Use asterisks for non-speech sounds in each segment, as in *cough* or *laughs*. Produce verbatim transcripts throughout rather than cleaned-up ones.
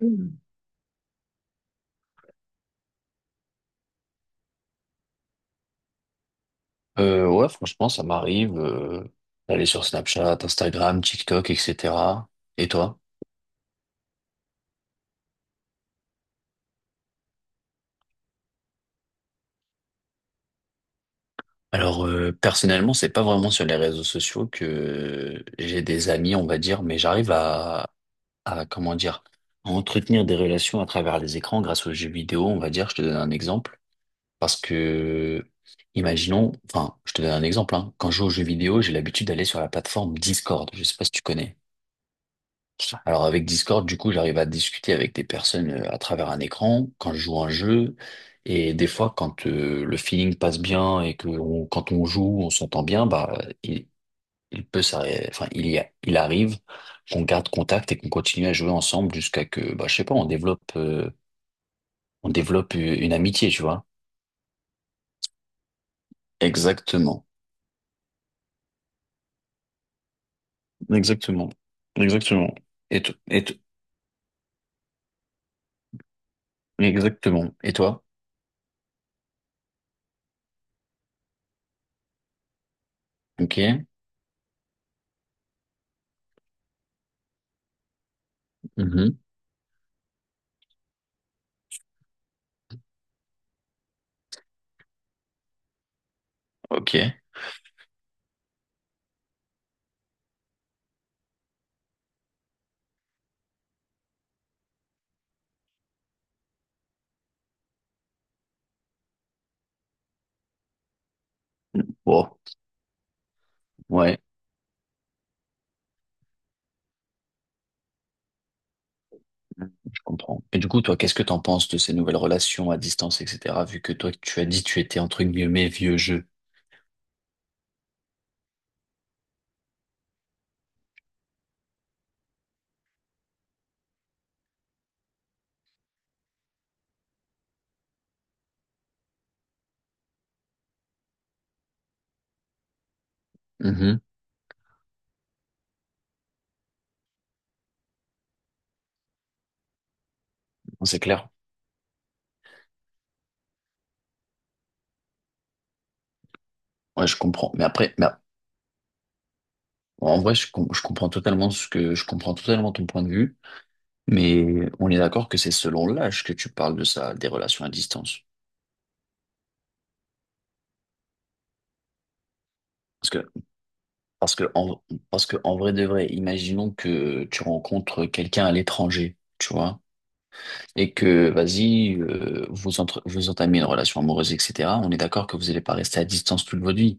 Mhm. Euh, ouais, franchement, ça m'arrive euh, d'aller sur Snapchat, Instagram, TikTok, et cetera. Et toi? Alors, euh, personnellement, c'est pas vraiment sur les réseaux sociaux que j'ai des amis, on va dire, mais j'arrive à, à, comment dire, à entretenir des relations à travers les écrans grâce aux jeux vidéo, on va dire. Je te donne un exemple. Parce que, imaginons, enfin, je te donne un exemple, hein. Quand je joue aux jeux vidéo, j'ai l'habitude d'aller sur la plateforme Discord. Je sais pas si tu connais. Alors avec Discord, du coup, j'arrive à discuter avec des personnes euh, à travers un écran quand je joue à un jeu. Et des fois, quand euh, le feeling passe bien et que on- quand on joue, on s'entend bien, bah il, il peut s'arrêter. Enfin, il y a- il arrive qu'on garde contact et qu'on continue à jouer ensemble jusqu'à que, bah, je sais pas, on développe, euh, on développe euh, une amitié, tu vois. Exactement, exactement, exactement. Et, to- et to- exactement. Et toi? Ok. Mhm. Ok. Bon. Ouais. Mhm. Je comprends. Et du coup, toi, qu'est-ce que t'en penses de ces nouvelles relations à distance, et cetera, vu que toi, tu as dit tu étais entre guillemets vieux jeu. Mhm. Non, c'est clair. Ouais, je comprends. Mais après, bah, en vrai, je, com- je comprends totalement ce que, je comprends totalement ton point de vue, mais on est d'accord que c'est selon l'âge que tu parles de ça, des relations à distance. Parce que, parce que, en, parce que, en vrai de vrai, imaginons que tu rencontres quelqu'un à l'étranger, tu vois. Et que, vas-y, euh, vous, entre- vous entamez une relation amoureuse, et cetera, on est d'accord que vous n'allez pas rester à distance toute votre vie.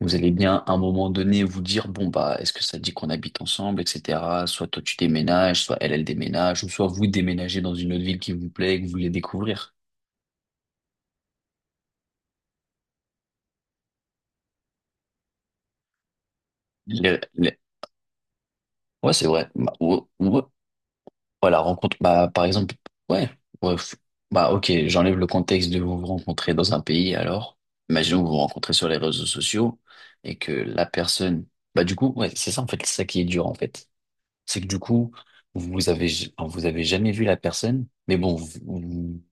Vous allez bien, à un moment donné, vous dire, bon, bah, est-ce que ça dit qu'on habite ensemble, et cetera. Soit toi, tu déménages, soit elle, elle déménage, ou soit vous déménagez dans une autre ville qui vous plaît et que vous voulez découvrir. Les- les- Ouais, c'est vrai. Bah, ou- ou- ouais, la rencontre, bah, par exemple, ouais, ouais, f- bah, ok, j'enlève le contexte de vous vous rencontrez dans un pays, alors, imaginons que vous vous rencontrez sur les réseaux sociaux et que la personne, bah, du coup, ouais, c'est ça, en fait, c'est ça qui est dur, en fait. C'est que du coup, vous avez, j- enfin, vous avez jamais vu la personne, mais bon, vous- vous-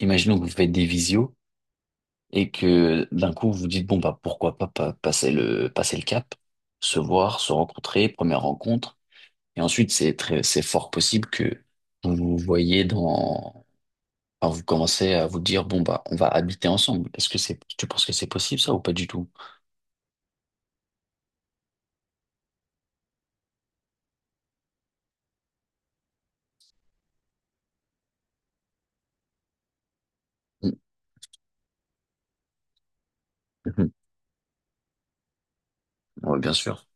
imaginons que vous faites des visios et que d'un coup, vous vous dites, bon, bah, pourquoi pas, pas passer le, passer le cap, se voir, se rencontrer, première rencontre. Et ensuite, c'est très, c'est fort possible que vous vous voyez dans, enfin, vous commencez à vous dire, bon, bah, on va habiter ensemble. Est-ce que c'est, tu penses que c'est possible ça ou pas du tout? *laughs* Mm, mhm. Ouais, bien sûr.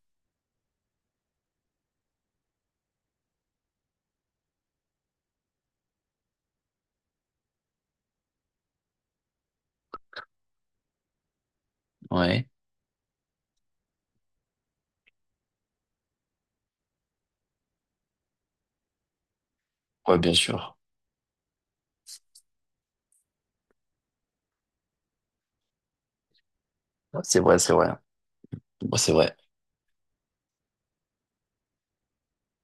Ouais. Ouais, bien sûr. Ouais, c'est vrai, c'est vrai. Ouais, c'est vrai.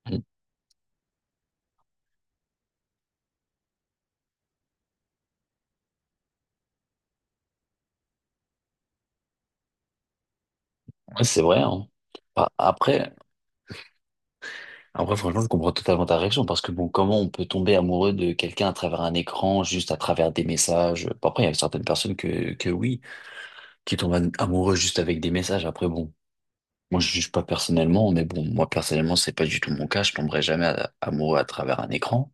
Mm. Ouais, c'est vrai, hein. Bah, après, après, franchement, je comprends totalement ta réaction parce que bon, comment on peut tomber amoureux de quelqu'un à travers un écran, juste à travers des messages? Bah, après, il y a certaines personnes que, que oui, qui tombent am- amoureux juste avec des messages. Après, bon. Moi, je juge pas personnellement, mais bon, moi, personnellement, c'est pas du tout mon cas. Je tomberai jamais à- amoureux à travers un écran.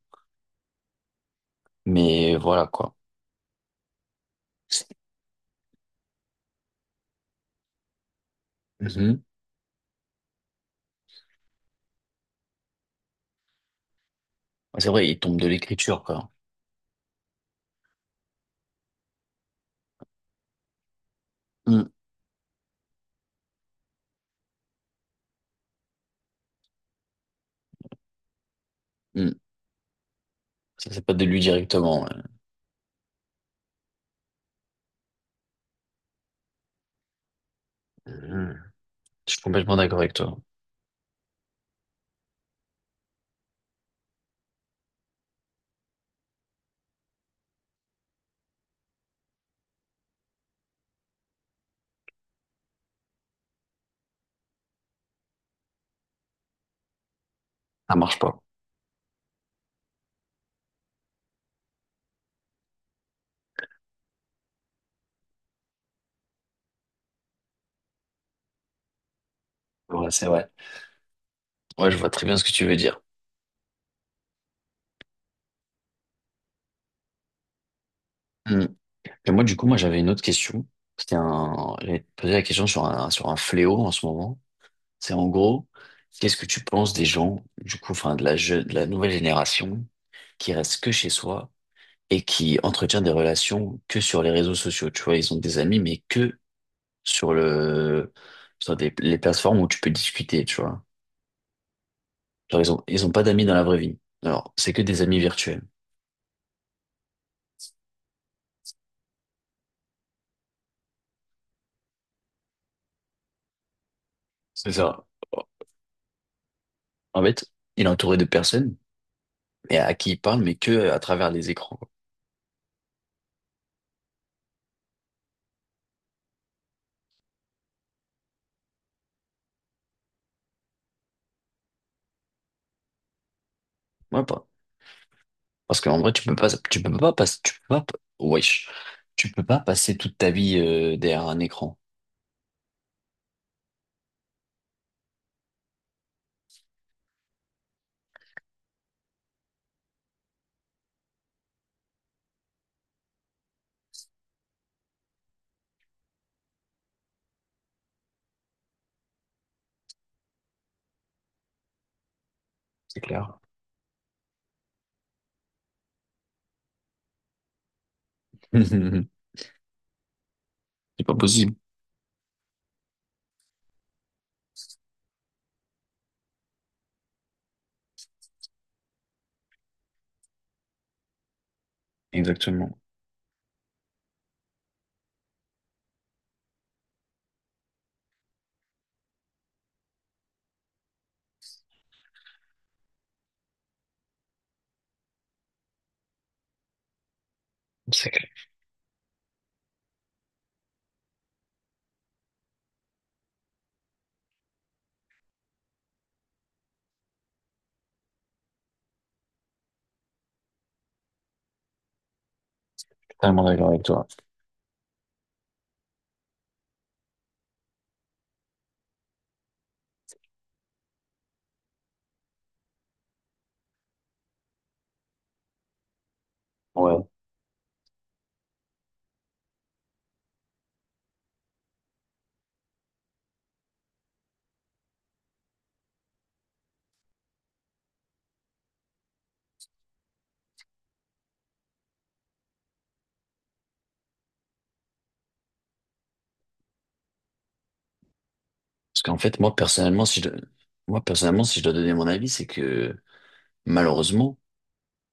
Mais voilà, quoi. Mhm. C'est vrai, il tombe de l'écriture, quoi. Mhm. Mhm. Ça, c'est pas de lui directement. Ouais. Mhm. Je suis complètement d'accord avec toi. Ça marche pas. Ouais, c'est vrai. Ouais, je vois très bien ce que tu veux dire. Mhm. Et moi, du coup, moi, j'avais une autre question. C'était un, j'avais posé la question sur un, sur un fléau en ce moment. C'est en gros, qu'est-ce que tu penses des gens, du coup, enfin, de la je- de la nouvelle génération qui reste que chez soi et qui entretient des relations que sur les réseaux sociaux. Tu vois, ils ont des amis, mais que sur le, sur des- les plateformes où tu peux discuter, tu vois. Genre, ils ont, ils ont pas d'amis dans la vraie vie. Alors, c'est que des amis virtuels. C'est ça. En fait, il est entouré de personnes et à qui il parle, mais que à travers les écrans, quoi. Ouais, parce qu'en vrai, tu peux pas, tu peux pas passer, tu peux pas, wesh, tu peux pas passer toute ta vie euh, derrière un écran, c'est clair. *laughs* C'est pas possible. Exactement. C'est clair. Totalement d'accord avec toi. Ouais. Parce qu'en fait, moi, personnellement, si je, dois- moi, personnellement, si je dois donner mon avis, c'est que, malheureusement,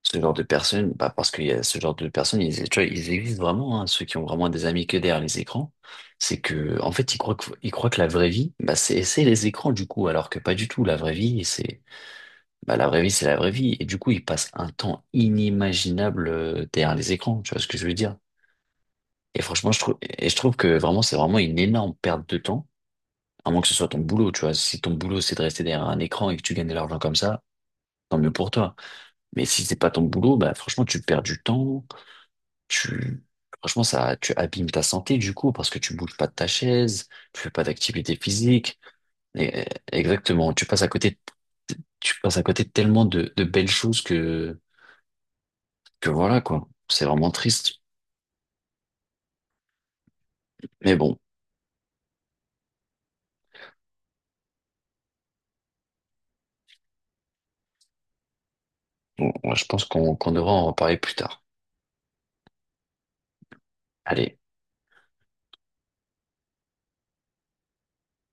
ce genre de personnes, bah, parce qu'il y a ce genre de personnes, ils, tu vois, ils existent vraiment, hein, ceux qui ont vraiment des amis que derrière les écrans. C'est que, en fait, ils croient que, ils croient que la vraie vie, bah, c'est, c'est les écrans, du coup, alors que pas du tout. La vraie vie, c'est, Bah, la vraie vie, c'est la vraie vie. Et du coup, ils passent un temps inimaginable euh, derrière les écrans. Tu vois ce que je veux dire? Et franchement, je trouve, et je trouve que vraiment, c'est vraiment une énorme perte de temps. À moins que ce soit ton boulot, tu vois. Si ton boulot, c'est de rester derrière un écran et que tu gagnes de l'argent comme ça, tant mieux pour toi. Mais si c'est pas ton boulot, bah, franchement, tu perds du temps. Tu, franchement, ça, tu abîmes ta santé, du coup, parce que tu bouges pas de ta chaise, tu fais pas d'activité physique. Et- exactement. Tu passes à côté de tu passes à côté de tellement de, de belles choses que que voilà, quoi. C'est vraiment triste. Mais bon, on- on- je pense qu'on qu'on devra en reparler plus tard. Allez.